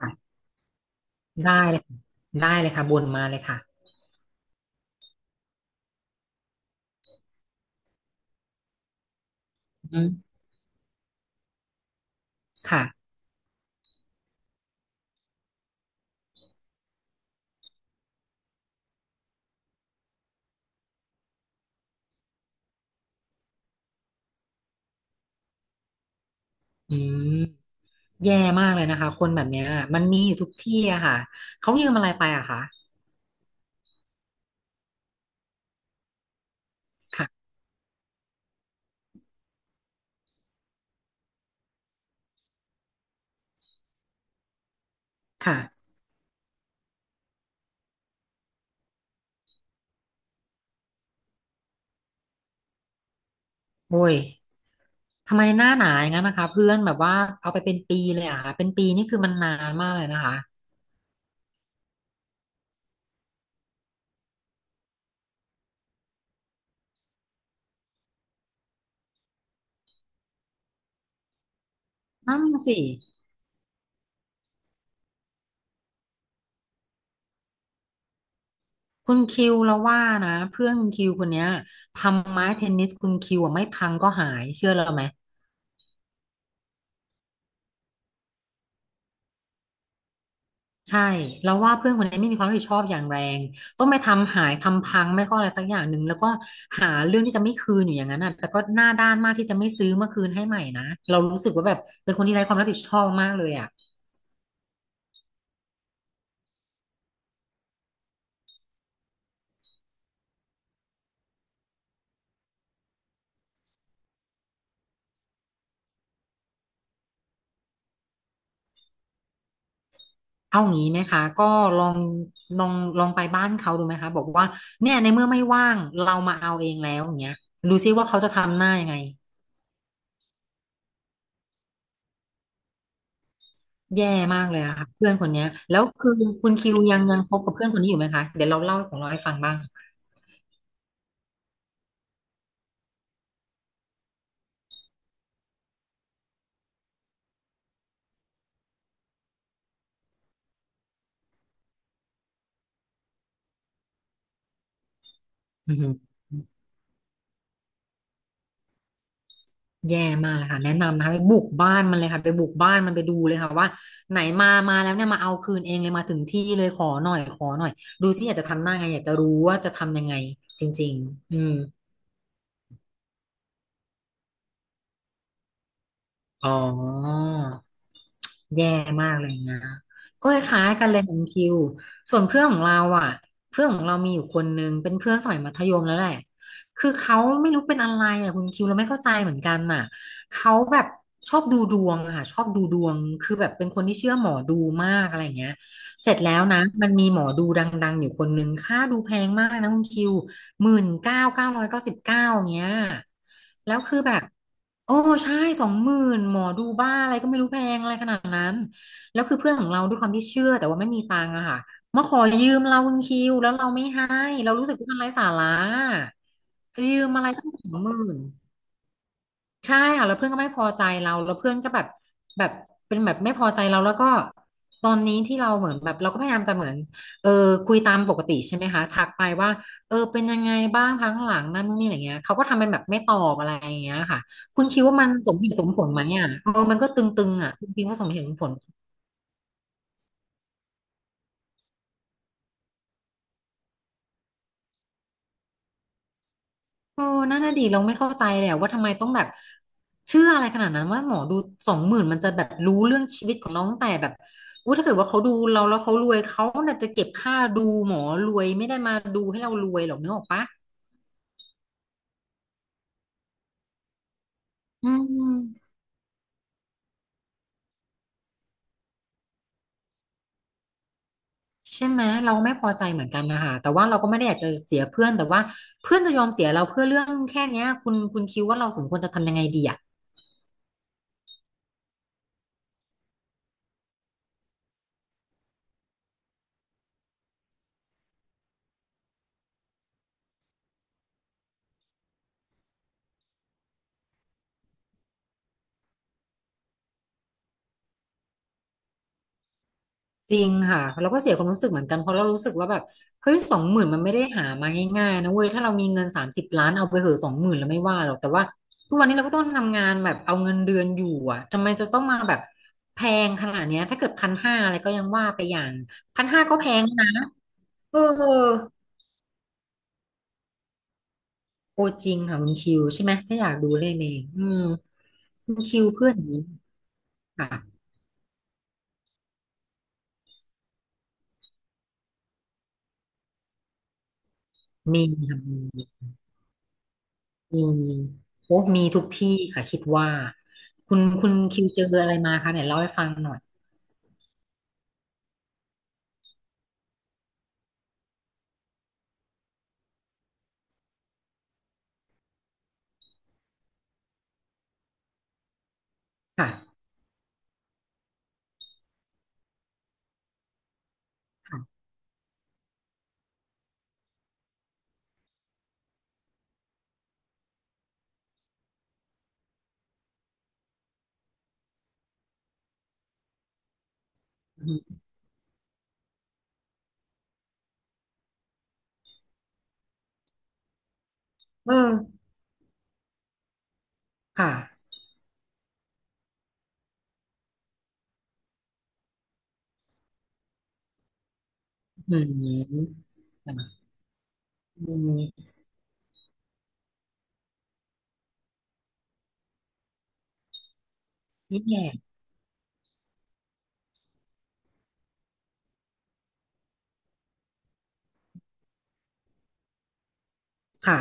ค่ะได้เลยค่ะได้เลยค่ะบ่นมาเลยค่ะอืมค่ะอืมแย่มากเลยนะคะคนแบบเนี้ยมันมีอยู่ทุกที่อะค่ะเขายืมอะไรไปอะคะค่ะค่ะโอ้ยทำไมหน้าหนาอย่างนั้นนะคะเพื่อนแบบว่าเอาไปเป็นปีเลยอะค่ะเป็นปีนี่คือมันนานมากเลยนะคะนั่นสิคุณคิวเราว่านะเพื่อนคุณคิวคนเนี้ยทำไม้เทนนิสคุณคิวอะไม่พังก็หายเชื่อเราไหม ใช่เราวว่าเพื่อนคนนี้ไม่มีความรับผิดชอบอย่างแรงต้องไปทำหายทำพังไม่ก็อะไรสักอย่างหนึ่งแล้วก็หาเรื่องที่จะไม่คืนอยู่อย่างนั้นน่ะแต่ก็หน้าด้านมากที่จะไม่ซื้อมาคืนให้ใหม่นะเรารู้สึกว่าแบบเป็นคนที่ไร้ความรับผิดชอบมากเลยอ่ะเอางี้ไหมคะก็ลองลองลองไปบ้านเขาดูไหมคะบอกว่าเนี่ยในเมื่อไม่ว่างเรามาเอาเองแล้วอย่างเงี้ยดูซิว่าเขาจะทำหน้ายังไงแย่มากเลยอะค่ะเพื่อนคนเนี้ยแล้วคือคุณคิวยังคบกับเพื่อนคนนี้อยู่ไหมคะเดี๋ยวเราเล่าของเราให้ฟังบ้างอือ แย่มากเลยค่ะแนะนำนะคะไปบุกบ้านมันเลยค่ะไปบุกบ้านมันไปดูเลยค่ะว่าไหนมามาแล้วเนี่ยมาเอาคืนเองเลยมาถึงที่เลยขอหน่อยขอหน่อยดูที่อยากจะทำหน้าไงอยากจะรู้ว่าจะทำยังไงจริงๆอืมอ๋อ แย่มากอะไรอย่างเงี้ยก็คล้ายๆกันเลยของคิวส่วนเพื่อนของเราอ่ะเพื่อนของเรามีอยู่คนนึงเป็นเพื่อนสมัยมัธยมแล้วแหละคือเขาไม่รู้เป็นอะไรอ่ะคุณคิวเราไม่เข้าใจเหมือนกันน่ะเขาแบบชอบดูดวงอะค่ะชอบดูดวงคือแบบเป็นคนที่เชื่อหมอดูมากอะไรอย่างเงี้ยเสร็จแล้วนะ มันมีหมอดูดังๆอยู่คนนึงค่าดูแพงมากนะคุณคิว 19,999เงี้ยแล้วคือแบบ โอ้ใช่20,000หมอดูบ้าอะไรก็ไม่รู้แพงอะไรขนาดนั้น แล้วคือเพื่อนของเราด้วยความที่เชื่อแต่ว่าไม่มีตังค์อะค่ะ มาขอยืมเราคุณคิวแล้วเราไม่ให้เรารู้สึกว่ามันไร้สาระยืมอะไรตั้งสองหมื่น ใช่ค่ะแล้วเพื่อนก็ไม่พอใจเราแล้วเพื่อนก็แบบแบบเป็นแบบไม่พอใจเราแล้วก็ตอนนี้ที่เราเหมือนแบบเราก็พยายามจะเหมือนเออคุยตามปกติใช่ไหมคะทักไปว่าเออเป็นยังไงบ้างพักหลังนั่นนี่อะไรเงี้ยเขาก็ทำเป็นแบบไม่ตอบอะไรอย่างเงี้ยค่ะคุณคิดว่ามันสมเหตุสมผลไหมอ่ะเออมันก็ตึงๆอ่ะคุณคิดว่าสมเหตุสมผล โอ้นั่นน่ะดิเราไม่เข้าใจเลยอะว่าทำไมต้องแบบเชื่ออะไรขนาดนั้นว่าหมอดูสองหมื่นมันจะแบบรู้เรื่องชีวิตของน้องตั้งแต่แบบอู้ถ้าเกิดว่าเขาดูเราแล้วเขารวยเขาน่ะจะเก็บค่าดูหมอรวยไม่ได้มาดูให้เรารวยหรอกนึกออกปะอืมใช่ไหมเราไม่พอใจเหมือนกันนะคะแต่ว่าเราก็ไม่ได้อยากจะเสียเพื่อนแต่ว่าเพื่อนจะยอมเสียเราเพื่อเรื่องแค่เนี้ยคุณคิดว่าเราสมควรจะทำยังไงดีอะ จริงค่ะเราก็เสียความรู้สึกเหมือนกันเพราะเรารู้สึกว่าแบบเฮ้ยสองหมื่นมันไม่ได้หามาง่ายๆนะเว้ยถ้าเรามีเงิน30,000,000เอาไปเหอะสองหมื่นแล้วไม่ว่าหรอกแต่ว่าทุกวันนี้เราก็ต้องทำงานแบบเอาเงินเดือนอยู่อ่ะทำไมจะต้องมาแบบแพงขนาดเนี้ยถ้าเกิดพันห้าอะไรก็ยังว่าไปอย่างพันห้าก็แพงนะเออโอจริงค่ะคุณคิวใช่ไหมถ้าอยากดูเล่นเองอืมคุณคิวเพื่อนอย่างนี้ค่ะมีค่ะมี มีโอ้มีทุกที่ค่ะคิดว่าคุณคิวเจออะไรมาคะเนี่ยเล่าให้ฟังหน่อยค่ะค่ะอืมเออค่ะอืมอืมนี่แง่ค่ะ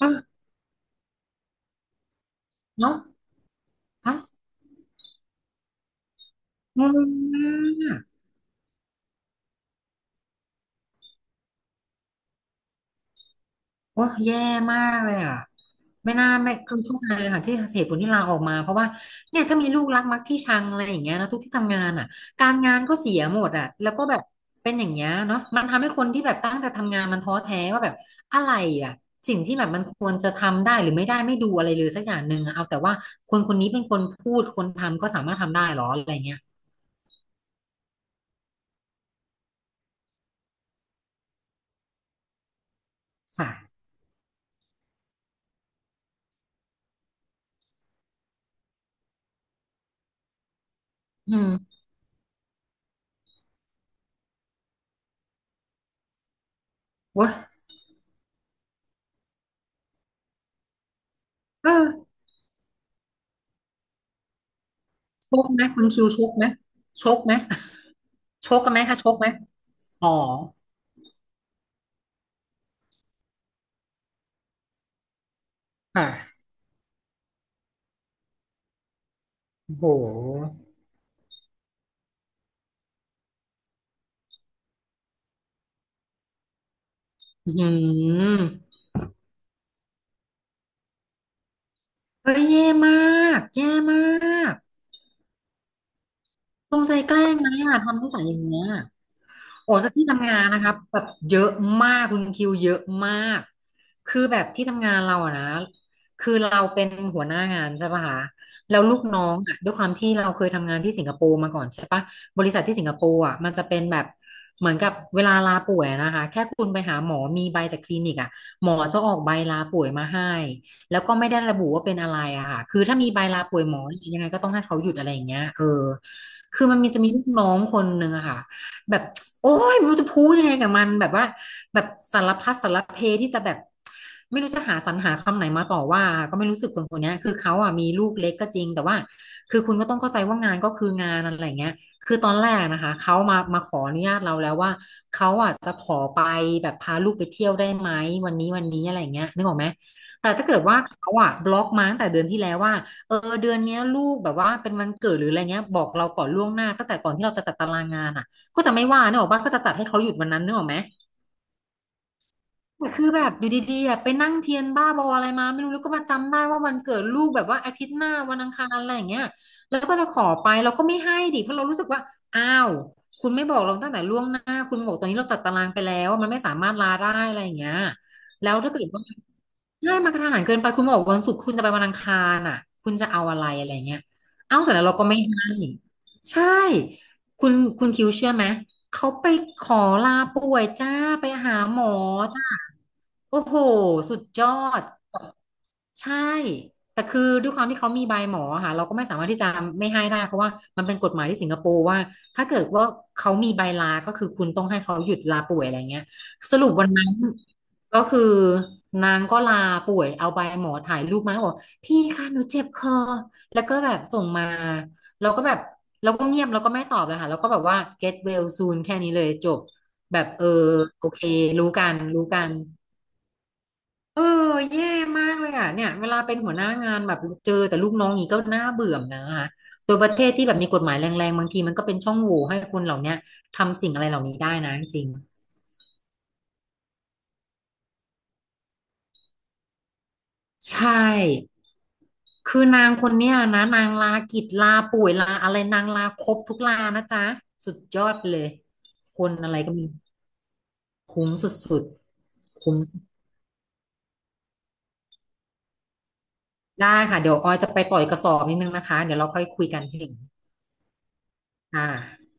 อ้าวเนาะอ้าวงงมาก โอ้ยแย่มากเลยอ่ะไม่น่าไม่คือเข้าใจเลยค่ะที่เหตุผลที่ลาออกมาเพราะว่าเนี่ยถ้ามีลูกรักมักที่ชังอะไรอย่างเงี้ยนะทุกที่ทำงานอ่ะการงานก็เสียหมดอ่ะแล้วก็แบบเป็นอย่างเงี้ยเนาะมันทำให้คนที่แบบตั้งใจทำงานมันท้อแท้ว่าแบบอะไรอ่ะสิ่งที่แบบมันควรจะทำได้หรือไม่ได้ไม่ดูอะไรเลยสักอย่างหนึ่งอะเอาแต่ว่าคนคนนี้เป็นคนพูดคนทำก็สามารถทำได้หรออะไรเงี้ยค่ะอืมเว้ยเออชกไหมคุณคิวชกไหมชกไหม ชกกันไหมคะชกไหมอ๋อค่ะ โหอืมก็แย่มากแย่มากจงใจแกล้งไหมอ่ะทำนิสัยอย่างเงี้ย โอ้แต่ที่ทำงานนะครับแบบเยอะมากคุณคิวเยอะมากคือแบบที่ทำงานเราอะนะคือเราเป็นหัวหน้างานใช่ปะคะแล้วลูกน้องอะด้วยความที่เราเคยทำงานที่สิงคโปร์มาก่อนใช่ปะบริษัทที่สิงคโปร์อะมันจะเป็นแบบเหมือนกับเวลาลาป่วยอะนะคะแค่คุณไปหาหมอมีใบจากคลินิกอะหมอจะออกใบลาป่วยมาให้แล้วก็ไม่ได้ระบุว่าเป็นอะไรอะค่ะคือถ้ามีใบลาป่วยหมอยังไงก็ต้องให้เขาหยุดอะไรอย่างเงี้ยเออคือมันมีจะมีลูกน้องคนหนึ่งอะค่ะ แบบโอ้ยไม่รู้จะพูดยังไงกับมันแบบว่าแบบสารพัดสารเพที่จะแบบไม่รู้จะสรรหาคำไหนมาต่อว่าก็ไม่รู้สึกคนคนเนี้ยคือเขาอ่ะมีลูกเล็กก็จริงแต่ว่าคือคุณก็ต้องเข้าใจว่างานก็คืองานอะไรเงี้ยคือตอนแรกนะคะเขามาขออนุญาตเราแล้วว่าเขาอ่ะจะขอไปแบบพาลูกไปเที่ยวได้ไหมวันนี้อะไรเงี้ยนึกออกไหมแต่ถ้าเกิดว่าเขาอ่ะบล็อกมาตั้งแต่เดือนที่แล้วว่าเออเดือนเนี้ยลูกแบบว่าเป็นวันเกิดหรืออะไรเงี้ยบอกเราก่อนล่วงหน้าตั้งแต่ก่อนที่เราจะจัดตารางงานอ่ะ ก็จะไม่ว่าเนกออกปะว่าก็จะจัดให้เขาหยุดวันนั้นเนกออกไหมแต่คือแบบอยู่ดีๆอะไปนั่งเทียนบ้าบออะไรมาไม่รู้แล้วก็มาจำได้ว่าวันเกิดลูกแบบว่าอาทิตย์หน้าวันอังคารอะไรอย่างเงี้ยแล้วก็จะขอไปเราก็ไม่ให้ดิเพราะเรารู้สึกว่าอ้าวคุณไม่บอกเราตั้งแต่ล่วงหน้าคุณมาบอกตอนนี้เราจัดตารางไปแล้วมันไม่สามารถลาได้อะไรอย่างเงี้ยแล้วถ้าเกิดว่า ใช้ามากระทันหันเกินไปคุณบอกวันศุกร์คุณจะไปวันอังคารอ่ะคุณจะเอาอะไรอะไรเงี้ยเอาเสร็จแล้วเราก็ไม่ให้ใช่คุณคุณคิวเชื่อไหมเขาไปขอลาป่วยจ้าไปหาหมอจ้าโอ้โหสุดยอดใช่แต่คือด้วยความที่เขามีใบหมอค่ะเราก็ไม่สามารถที่จะไม่ให้ได้เพราะว่ามันเป็นกฎหมายที่สิงคโปร์ว่าถ้าเกิดว่าเขามีใบลาก็คือคุณต้องให้เขาหยุดลาป่วยอะไรเงี้ยสรุปวันนั้น ก็คือนางก็ลาป่วยเอาใบหมอถ่ายรูปมาแล้วบอกพี่คะหนูเจ็บคอแล้วก็แบบส่งมาเราก็แบบเราก็เงียบเราก็ไม่ตอบเลยค่ะแล้วก็แบบว่า get well soon แค่นี้เลยจบแบบเออโอเครู้กันรู้กันเออแย่มากเลยอ่ะเนี่ยเวลาเป็นหัวหน้างานแบบเจอแต่ลูกน้องอย่างนี้ก็น่าเบื่อนะคะตัวประเทศที่แบบมีกฎหมายแรงๆบางทีมันก็เป็นช่องโหว่ให้คนเหล่าเนี้ยทำสิ่งอะไรเหล่านี้ได้นะจริงๆใช่ คือนางคนเนี้ยนะนางลากิจลาป่วยลาอะไรนางลาครบทุกลานะจ๊ะสุดยอดไปเลยคนอะไรก็ไมีคุ้มสุดๆคุ้มได้ค่ะเดี๋ยวออยจะไปปล่อยกระสอบนิดนึงนะคะเดี๋ยวเราค่อยคุยกันทีหลังค่ะ